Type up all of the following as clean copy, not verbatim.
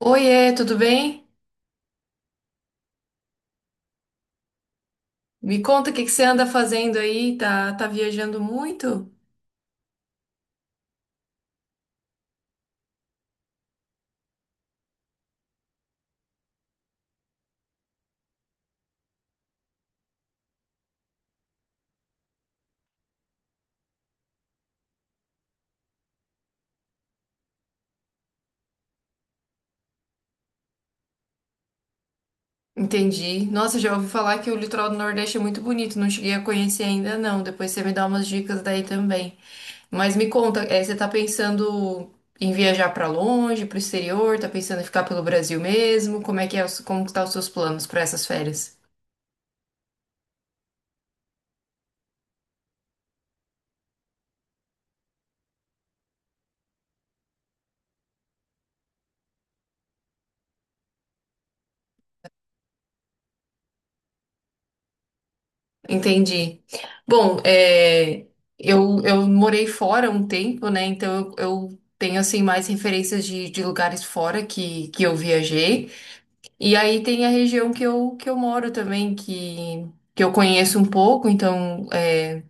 Oiê, tudo bem? Me conta o que que você anda fazendo aí? Tá viajando muito? Entendi. Nossa, já ouvi falar que o litoral do Nordeste é muito bonito, não cheguei a conhecer ainda não. Depois você me dá umas dicas daí também. Mas me conta, você tá pensando em viajar pra longe, pro exterior? Tá pensando em ficar pelo Brasil mesmo? Como é que é, como que tá os seus planos pra essas férias? Entendi. Bom, eu morei fora um tempo, né? Então eu tenho assim mais referências de lugares fora que eu viajei. E aí tem a região que eu moro também, que eu conheço um pouco, então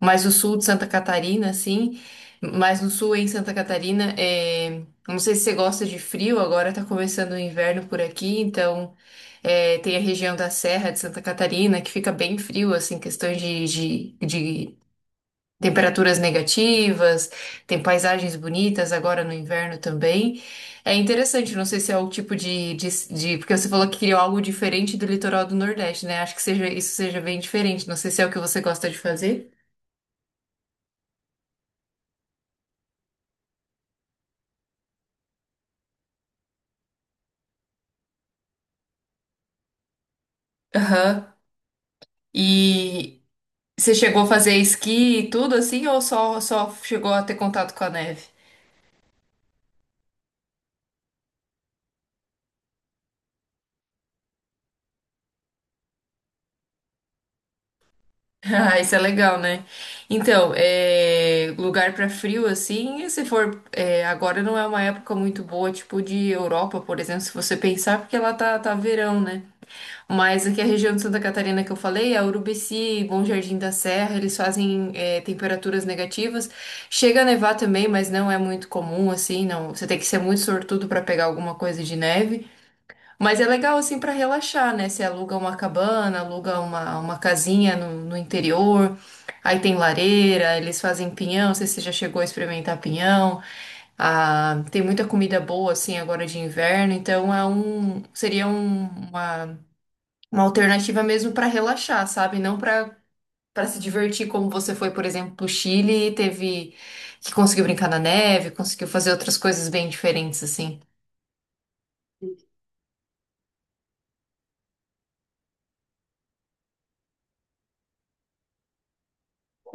mais o sul de Santa Catarina, assim, mais no sul em Santa Catarina. Não sei se você gosta de frio, agora tá começando o inverno por aqui, então. Tem a região da Serra de Santa Catarina, que fica bem frio, assim, questões de temperaturas negativas, tem paisagens bonitas agora no inverno também. É interessante, não sei se é o tipo de. Porque você falou que queria algo diferente do litoral do Nordeste, né? Acho que seja, isso seja bem diferente, não sei se é o que você gosta de fazer. Aham. E você chegou a fazer esqui e tudo assim, ou só chegou a ter contato com a neve? Ah, isso é legal, né? Então, lugar pra frio assim, se for agora não é uma época muito boa, tipo de Europa, por exemplo, se você pensar, porque lá tá verão, né? Mas aqui a região de Santa Catarina que eu falei, a Urubici, Bom Jardim da Serra, eles fazem temperaturas negativas. Chega a nevar também, mas não é muito comum assim, não. Você tem que ser muito sortudo pra pegar alguma coisa de neve. Mas é legal assim para relaxar, né? Você aluga uma cabana, aluga uma casinha no interior, aí tem lareira, eles fazem pinhão, não sei se você já chegou a experimentar pinhão. Ah, tem muita comida boa assim agora de inverno, então seria uma alternativa mesmo para relaxar, sabe? Não para se divertir como você foi, por exemplo, pro Chile e teve que conseguiu brincar na neve, conseguiu fazer outras coisas bem diferentes assim.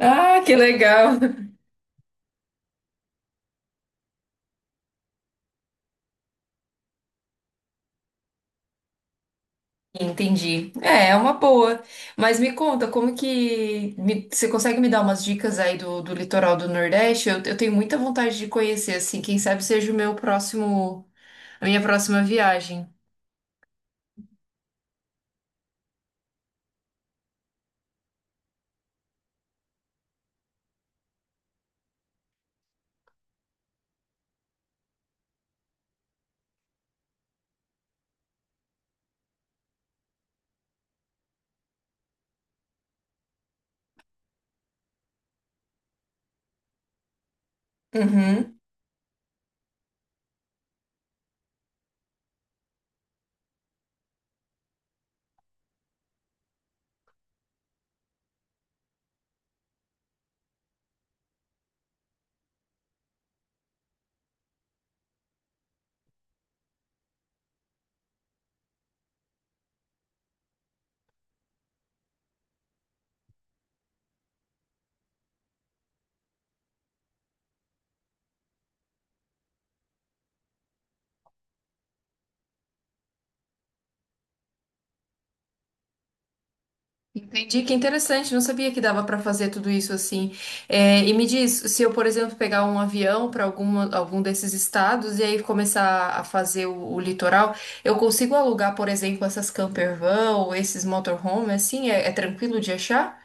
Ah, que legal! Entendi. É uma boa. Mas me conta, como que você consegue me dar umas dicas aí do litoral do Nordeste? Eu tenho muita vontade de conhecer, assim, quem sabe seja o meu próximo, a minha próxima viagem. Uhum. Entendi, que interessante, não sabia que dava para fazer tudo isso assim. E me diz, se eu, por exemplo, pegar um avião para algum desses estados e aí começar a fazer o litoral, eu consigo alugar, por exemplo, essas campervan ou esses motorhome, assim, é tranquilo de achar?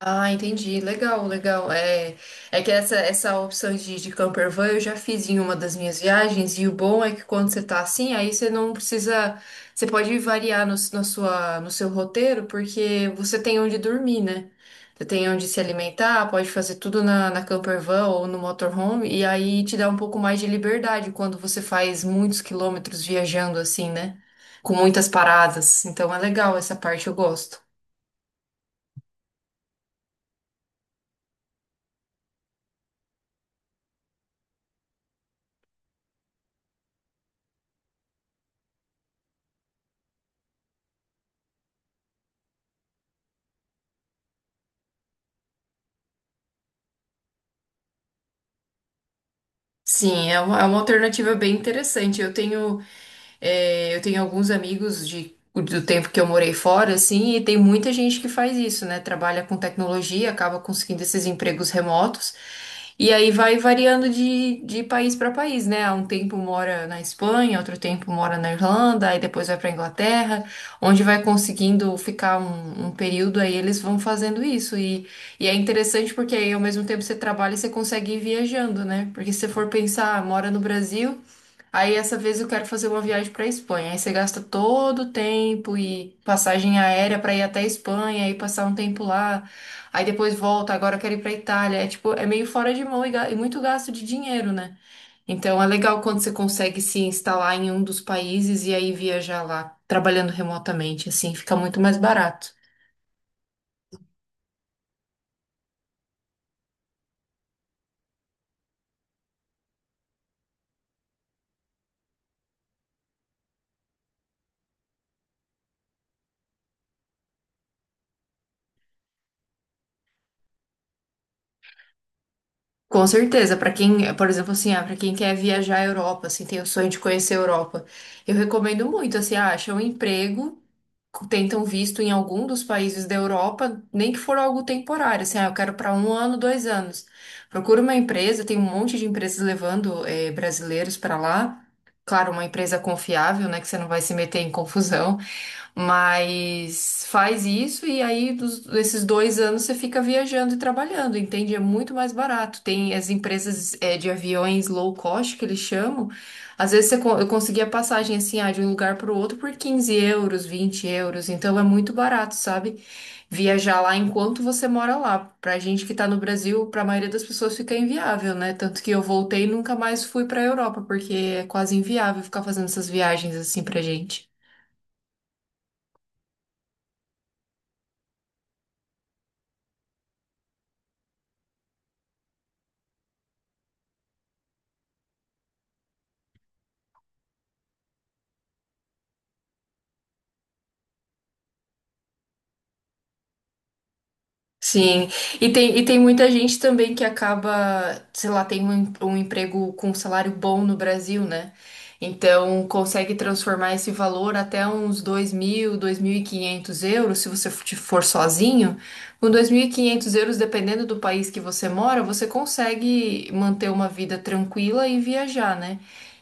Ah, entendi. Legal, legal. É que essa opção de camper van eu já fiz em uma das minhas viagens, e o bom é que quando você tá assim, aí você não precisa. Você pode variar no seu roteiro, porque você tem onde dormir, né? Você tem onde se alimentar, pode fazer tudo na camper van ou no motorhome, e aí te dá um pouco mais de liberdade quando você faz muitos quilômetros viajando assim, né? Com muitas paradas. Então é legal essa parte, eu gosto. Sim, é uma alternativa bem interessante. Eu tenho alguns amigos do tempo que eu morei fora, assim, e tem muita gente que faz isso, né? Trabalha com tecnologia, acaba conseguindo esses empregos remotos, e aí vai variando de país para país, né? Há um tempo mora na Espanha, outro tempo mora na Irlanda, aí depois vai para Inglaterra, onde vai conseguindo ficar um período, aí eles vão fazendo isso. E é interessante porque aí ao mesmo tempo você trabalha e você consegue ir viajando, né? Porque se você for pensar, ah, mora no Brasil, aí essa vez eu quero fazer uma viagem para Espanha. Aí você gasta todo o tempo e passagem aérea para ir até a Espanha e passar um tempo lá. Aí depois volta, agora eu quero ir para Itália. É tipo, é meio fora de mão e muito gasto de dinheiro, né? Então é legal quando você consegue se instalar em um dos países e aí viajar lá, trabalhando remotamente, assim, fica muito mais barato. Com certeza, para quem, por exemplo, assim, ah, para quem quer viajar à Europa, assim, tem o sonho de conhecer a Europa, eu recomendo muito, assim, ah, acha um emprego, tentam visto em algum dos países da Europa, nem que for algo temporário, assim, ah, eu quero para um ano, 2 anos. Procura uma empresa, tem um monte de empresas levando brasileiros para lá. Claro, uma empresa confiável, né, que você não vai se meter em confusão. Mas faz isso e aí desses 2 anos você fica viajando e trabalhando, entende? É muito mais barato. Tem as empresas de aviões low cost que eles chamam. Às vezes eu conseguia passagem assim, ah, de um lugar para o outro por 15 euros, 20 euros. Então é muito barato, sabe? Viajar lá enquanto você mora lá. Pra gente que tá no Brasil, pra maioria das pessoas fica inviável, né? Tanto que eu voltei e nunca mais fui pra Europa, porque é quase inviável ficar fazendo essas viagens assim pra gente. Sim, e tem muita gente também que acaba, sei lá, tem um emprego com um salário bom no Brasil, né? Então consegue transformar esse valor até uns dois mil e quinhentos euros, se você for sozinho. Com 2.500 euros, dependendo do país que você mora, você consegue manter uma vida tranquila e viajar, né?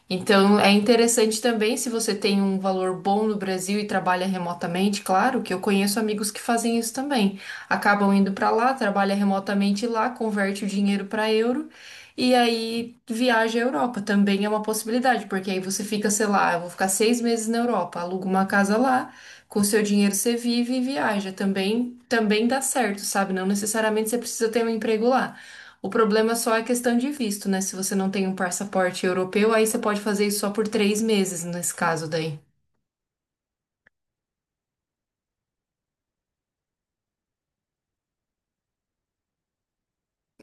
Então, é interessante também se você tem um valor bom no Brasil e trabalha remotamente, claro, que eu conheço amigos que fazem isso também. Acabam indo para lá, trabalha remotamente lá, converte o dinheiro para euro e aí viaja à Europa. Também é uma possibilidade, porque aí você fica, sei lá, eu vou ficar 6 meses na Europa, aluga uma casa lá, com o seu dinheiro você vive e viaja. Também dá certo, sabe? Não necessariamente você precisa ter um emprego lá. O problema só é questão de visto, né? Se você não tem um passaporte europeu, aí você pode fazer isso só por 3 meses, nesse caso daí.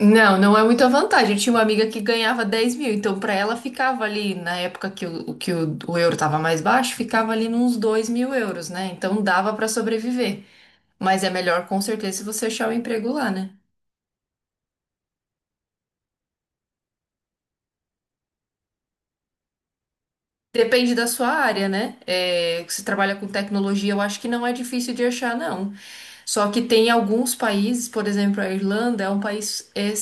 Não, não é muita vantagem. Eu tinha uma amiga que ganhava 10.000, então pra ela ficava ali, na época o euro tava mais baixo, ficava ali nos 2.000 euros, né? Então dava pra sobreviver. Mas é melhor com certeza se você achar um emprego lá, né? Depende da sua área, né? Se trabalha com tecnologia, eu acho que não é difícil de achar, não. Só que tem alguns países, por exemplo, a Irlanda é um país é,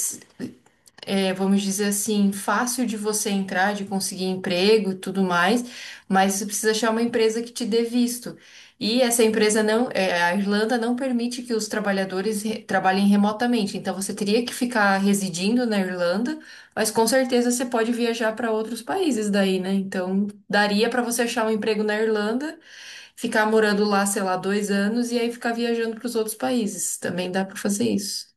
é, vamos dizer assim, fácil de você entrar, de conseguir emprego e tudo mais, mas você precisa achar uma empresa que te dê visto. E essa empresa não, a Irlanda não permite que os trabalhadores trabalhem remotamente, então você teria que ficar residindo na Irlanda, mas com certeza você pode viajar para outros países daí, né? Então daria para você achar um emprego na Irlanda, ficar morando lá, sei lá, 2 anos e aí ficar viajando para os outros países. Também dá para fazer isso.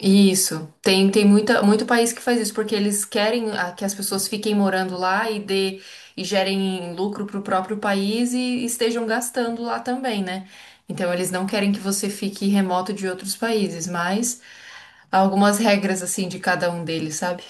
Isso. Tem muito país que faz isso, porque eles querem que as pessoas fiquem morando lá e dê, e gerem lucro para o próprio país e estejam gastando lá também, né? Então eles não querem que você fique remoto de outros países, mas há algumas regras assim de cada um deles, sabe?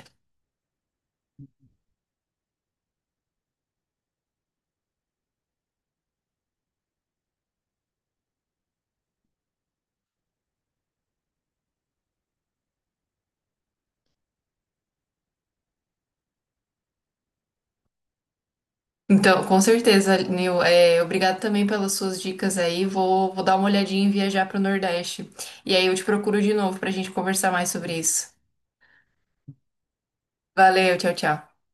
Então, com certeza, Nil, obrigado também pelas suas dicas aí. Vou dar uma olhadinha em viajar para o Nordeste. E aí eu te procuro de novo para a gente conversar mais sobre isso. Valeu, tchau, tchau.